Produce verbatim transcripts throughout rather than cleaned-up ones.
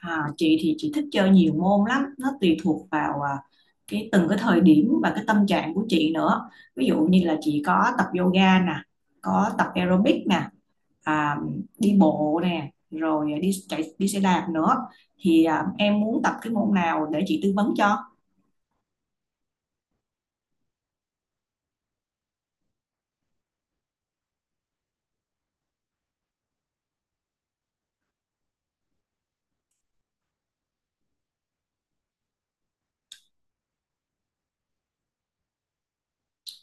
À, chị thì chị thích chơi nhiều môn lắm, nó tùy thuộc vào à, cái từng cái thời điểm và cái tâm trạng của chị nữa. Ví dụ như là chị có tập yoga nè, có tập aerobic nè, à, đi bộ nè, rồi đi chạy, đi xe đạp nữa. Thì à, em muốn tập cái môn nào để chị tư vấn cho.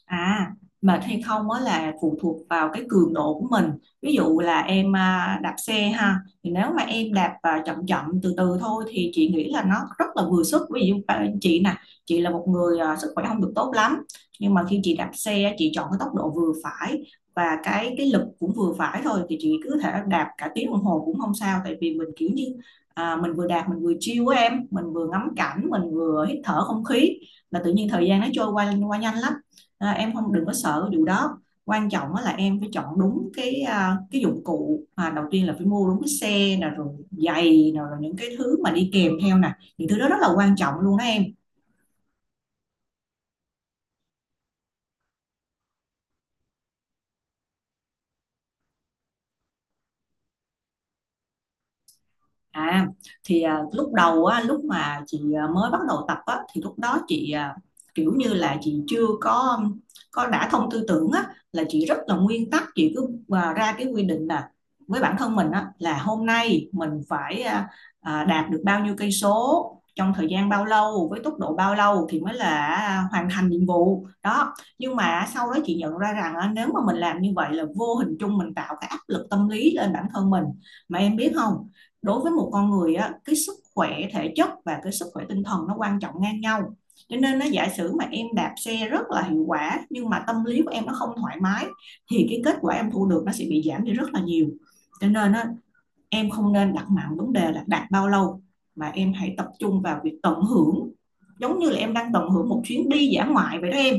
À, mệt hay không á là phụ thuộc vào cái cường độ của mình. Ví dụ là em à, đạp xe ha, thì nếu mà em đạp à, chậm chậm từ từ thôi thì chị nghĩ là nó rất là vừa sức. Ví dụ à, chị nè, chị là một người à, sức khỏe không được tốt lắm, nhưng mà khi chị đạp xe chị chọn cái tốc độ vừa phải và cái cái lực cũng vừa phải thôi thì chị cứ thể đạp cả tiếng đồng hồ cũng không sao, tại vì mình kiểu như à, mình vừa đạp mình vừa chill á em, mình vừa ngắm cảnh, mình vừa hít thở không khí, là tự nhiên thời gian nó trôi qua qua nhanh lắm. À, em không, đừng có sợ cái vụ đó, quan trọng là em phải chọn đúng cái à, cái dụng cụ. À, đầu tiên là phải mua đúng cái xe nè, rồi giày nè, rồi những cái thứ mà đi kèm theo nè, những thứ đó rất là quan trọng luôn đó em. À, thì à, lúc đầu á, lúc mà chị à, mới bắt đầu tập á thì lúc đó chị, à, kiểu như là chị chưa có có đã thông tư tưởng á, là chị rất là nguyên tắc. Chị cứ à, ra cái quy định là với bản thân mình á, là hôm nay mình phải à, à, đạt được bao nhiêu cây số trong thời gian bao lâu với tốc độ bao lâu thì mới là à, hoàn thành nhiệm vụ đó. Nhưng mà sau đó chị nhận ra rằng á, nếu mà mình làm như vậy là vô hình chung mình tạo cái áp lực tâm lý lên bản thân mình. Mà em biết không, đối với một con người á, cái sức khỏe thể chất và cái sức khỏe tinh thần nó quan trọng ngang nhau, cho nên nó giả sử mà em đạp xe rất là hiệu quả nhưng mà tâm lý của em nó không thoải mái thì cái kết quả em thu được nó sẽ bị giảm đi rất là nhiều. Cho nên á, em không nên đặt nặng vấn đề là đạt bao lâu mà em hãy tập trung vào việc tận hưởng, giống như là em đang tận hưởng một chuyến đi dã ngoại vậy đó em.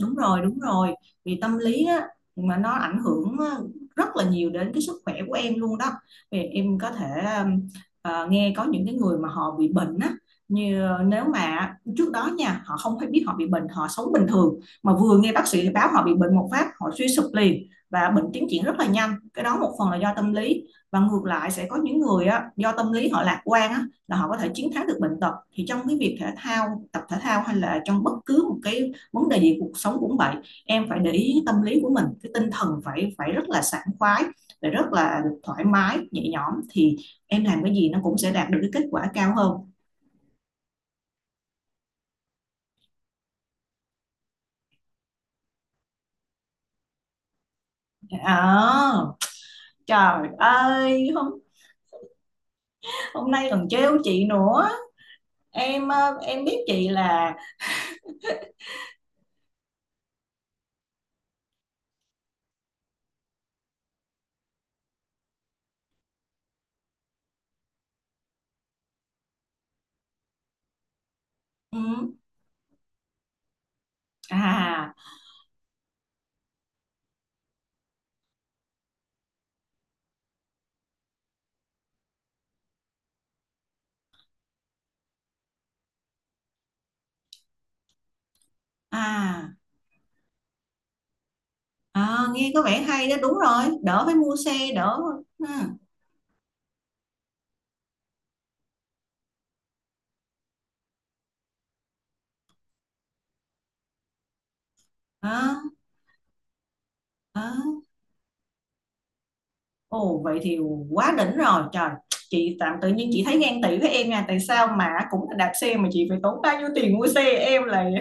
Đúng rồi, đúng rồi, vì tâm lý á mà nó ảnh hưởng á, rất là nhiều đến cái sức khỏe của em luôn đó. Vì em có thể um, ờ, nghe có những cái người mà họ bị bệnh á, như ờ, nếu mà trước đó nha họ không hay biết họ bị bệnh, họ sống bình thường, mà vừa nghe bác sĩ báo họ bị bệnh một phát họ suy sụp liền và bệnh tiến triển rất là nhanh, cái đó một phần là do tâm lý. Và ngược lại sẽ có những người á, do tâm lý họ lạc quan á, là họ có thể chiến thắng được bệnh tật. Thì trong cái việc thể thao, tập thể thao, hay là trong bất cứ một cái vấn đề gì cuộc sống cũng vậy, em phải để ý tâm lý của mình, cái tinh thần phải phải rất là sảng khoái, phải rất là thoải mái nhẹ nhõm thì em làm cái gì nó cũng sẽ đạt được cái kết quả cao hơn. à, Trời ơi, hôm hôm nay còn trêu chị nữa. Em ờ, em biết chị là ừ, à à à nghe có vẻ hay đó, đúng rồi, đỡ phải mua xe đỡ. Ừ, à, à. Ồ, vậy thì quá đỉnh rồi trời. Chị tạm tự nhiên chị thấy ghen tị với em nha, tại sao mà cũng là đạp xe mà chị phải tốn bao nhiêu tiền mua xe, em lại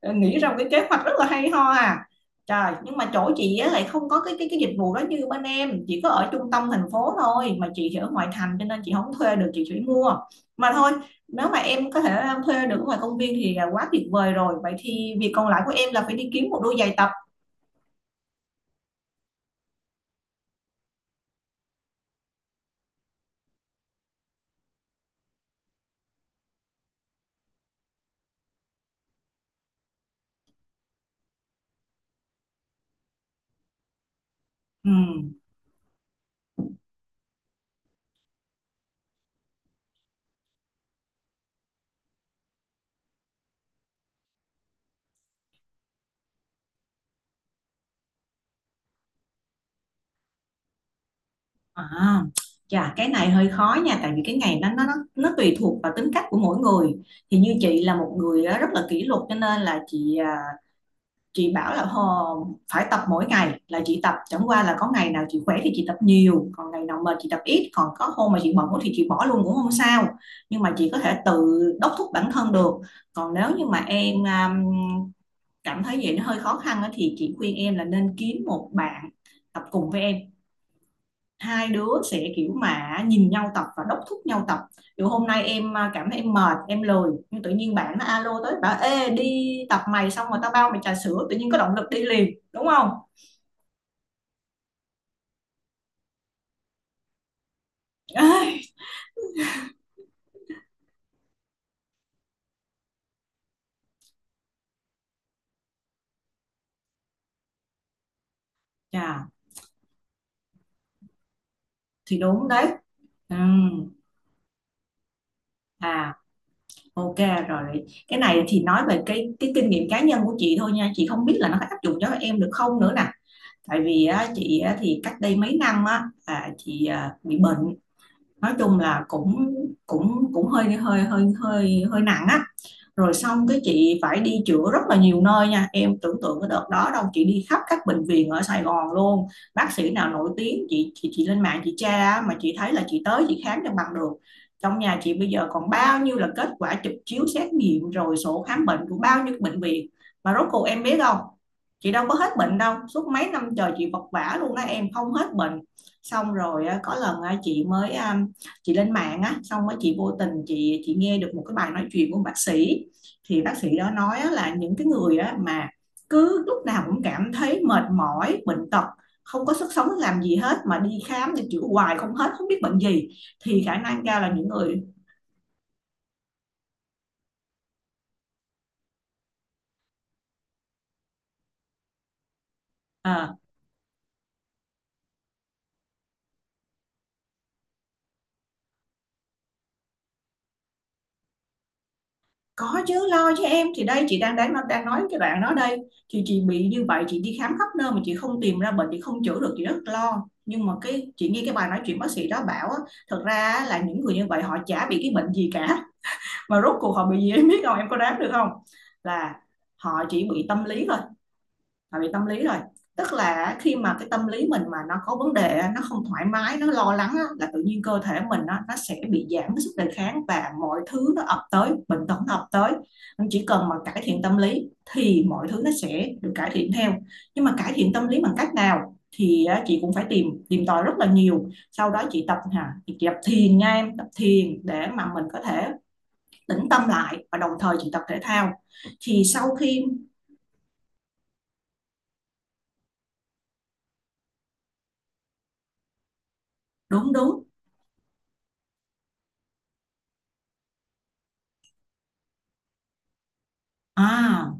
ờ, nghĩ ra một cái kế hoạch rất là hay ho à. Trời, nhưng mà chỗ chị á, lại không có cái cái cái dịch vụ đó như bên em. Chị có ở trung tâm thành phố thôi, mà chị thì ở ngoại thành cho nên chị không thuê được, chị chỉ mua. Mà thôi, nếu mà em có thể ờ, thuê được ở ngoài công viên thì là quá tuyệt vời rồi. Vậy thì việc còn lại của em là phải đi kiếm một đôi giày tập. Ừ. À, chà, cái này hơi khó nha, tại vì cái ngày đó nó nó nó tùy thuộc vào tính cách của mỗi người. Thì như chị là một người á, rất là kỷ luật, cho nên là chị à, chị bảo là "Hò, phải tập mỗi ngày là chị tập, chẳng qua là có ngày nào chị khỏe thì chị tập nhiều, còn ngày nào mệt chị tập ít, còn có hôm mà chị bận quá thì chị bỏ luôn cũng không sao, nhưng mà chị có thể tự đốc thúc bản thân được. Còn nếu như mà em à, cảm thấy vậy nó hơi khó khăn á, thì chị khuyên em là nên kiếm một bạn tập cùng với em. Hai đứa sẽ kiểu mà nhìn nhau tập và đốc thúc nhau tập, dù hôm nay em à, cảm thấy em mệt em lười, nhưng tự nhiên bạn nó alo tới bảo ê đi tập mày, xong rồi tao bao mày trà sữa, tự nhiên có động lực đi liền đúng không. Ai, chà, thì đúng đấy. Ừm, à ok, rồi cái này thì nói về cái cái kinh nghiệm cá nhân của chị thôi nha, chị không biết là nó có áp dụng cho em được không nữa nè. Tại vì á, chị á, thì cách đây mấy năm á, là chị à, bị bệnh, nói chung là cũng cũng cũng hơi hơi hơi hơi hơi nặng á. Rồi xong cái chị phải đi chữa rất là nhiều nơi nha, em tưởng tượng cái đợt đó đâu chị đi khắp các bệnh viện ở Sài Gòn luôn. Bác sĩ nào nổi tiếng chị chị chị lên mạng chị tra, mà chị thấy là chị tới chị khám cho bằng được. Trong nhà chị bây giờ còn bao nhiêu là kết quả chụp chiếu xét nghiệm rồi sổ khám bệnh của bao nhiêu bệnh viện. Mà rốt cuộc em biết không, chị đâu có hết bệnh đâu, suốt mấy năm trời chị vật vã luôn á em, không hết bệnh. Xong rồi có lần chị mới um, chị lên mạng á, xong rồi chị vô tình chị chị nghe được một cái bài nói chuyện của bác sĩ. Thì bác sĩ đó nói là những cái người mà cứ lúc nào cũng cảm thấy mệt mỏi bệnh tật, không có sức sống làm gì hết, mà đi khám đi chữa hoài không hết, không biết bệnh gì, thì khả năng cao là những người à, có chứ, lo cho em thì đây, chị đang đang đang nói cái đoạn đó đây. Thì chị bị như vậy chị đi khám khắp nơi mà chị không tìm ra bệnh, chị không chữa được, chị rất lo. Nhưng mà cái chị nghe cái bài nói chuyện bác sĩ đó bảo á, thật ra là những người như vậy họ chả bị cái bệnh gì cả. Mà rốt cuộc họ bị gì em biết không, em có đoán được không, là họ chỉ bị tâm lý thôi. Họ bị tâm lý rồi, tức là khi mà cái tâm lý mình mà nó có vấn đề, nó không thoải mái, nó lo lắng, là tự nhiên cơ thể mình nó nó sẽ bị giảm cái sức đề kháng, và mọi thứ nó ập tới, bệnh tật nó ập tới. Nên chỉ cần mà cải thiện tâm lý thì mọi thứ nó sẽ được cải thiện theo. Nhưng mà cải thiện tâm lý bằng cách nào thì chị cũng phải tìm tìm tòi rất là nhiều. Sau đó chị tập hả, chị tập thiền nha em, tập thiền để mà mình có thể tĩnh tâm lại, và đồng thời chị tập thể thao. Thì sau khi đúng đúng à,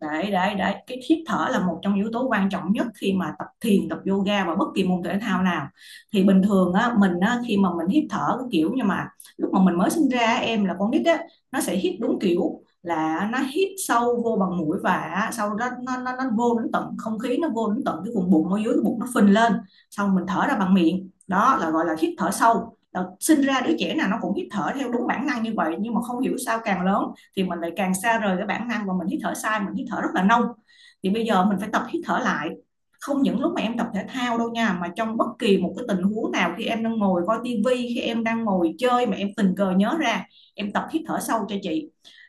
đấy đấy đấy, cái hít thở là một trong yếu tố quan trọng nhất khi mà tập thiền, tập yoga và bất kỳ môn thể thao nào. Thì bình thường á mình á, khi mà mình hít thở cái kiểu như mà lúc mà mình mới sinh ra em là con nít á, nó sẽ hít đúng kiểu là nó hít sâu vô bằng mũi, và sau đó nó nó, nó vô đến tận không khí, nó vô đến tận cái vùng bụng, ở dưới cái bụng nó phình lên, xong mình thở ra bằng miệng, đó là gọi là hít thở sâu. Là sinh ra đứa trẻ nào nó cũng hít thở theo đúng bản năng như vậy, nhưng mà không hiểu sao càng lớn thì mình lại càng xa rời cái bản năng, và mình hít thở sai, mình hít thở rất là nông. Thì bây giờ mình phải tập hít thở lại, không những lúc mà em tập thể thao đâu nha, mà trong bất kỳ một cái tình huống nào, khi em đang ngồi coi tivi, khi em đang ngồi chơi mà em tình cờ nhớ ra, em tập hít thở sâu cho chị.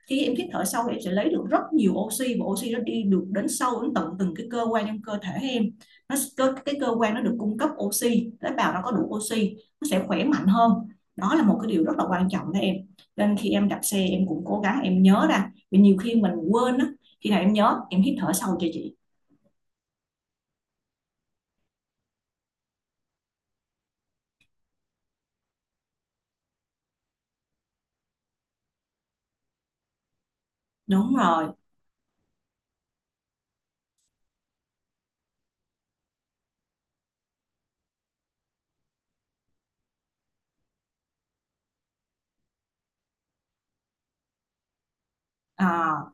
Khi em hít thở sâu em sẽ lấy được rất nhiều oxy, và oxy nó đi được đến sâu đến tận từng cái cơ quan trong cơ thể em. Nó, cái cơ quan nó được cung cấp oxy, tế bào nó có đủ oxy, nó sẽ khỏe mạnh hơn. Đó là một cái điều rất là quan trọng đó em. Nên khi em đạp xe em cũng cố gắng em nhớ ra, vì nhiều khi mình quên á, khi nào em nhớ em hít thở sâu cho chị. Đúng rồi. à,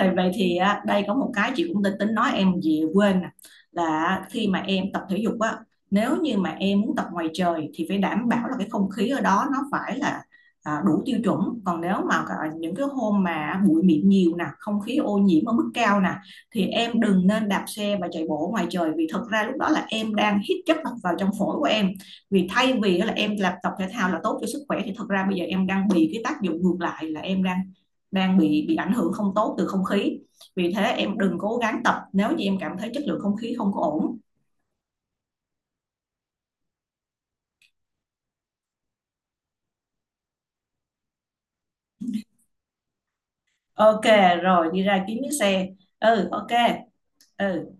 thì vậy thì á, đây có một cái chị cũng định tính nói em gì quên nè, là khi mà em tập thể dục á, nếu như mà em muốn tập ngoài trời thì phải đảm bảo là cái không khí ở đó nó phải là à, đủ tiêu chuẩn. Còn nếu mà cả những cái hôm mà bụi mịn nhiều nè, không khí ô nhiễm ở mức cao nè, thì em đừng nên đạp xe và chạy bộ ngoài trời, vì thực ra lúc đó là em đang hít chất độc vào trong phổi của em. Vì thay vì là em làm tập thể thao là tốt cho sức khỏe thì thực ra bây giờ em đang bị cái tác dụng ngược lại, là em đang đang bị bị ảnh hưởng không tốt từ không khí. Vì thế em đừng cố gắng tập nếu như em cảm thấy chất lượng không khí không có ổn. Ok, rồi đi ra kiếm chiếc xe. Ừ, ok. Ừ.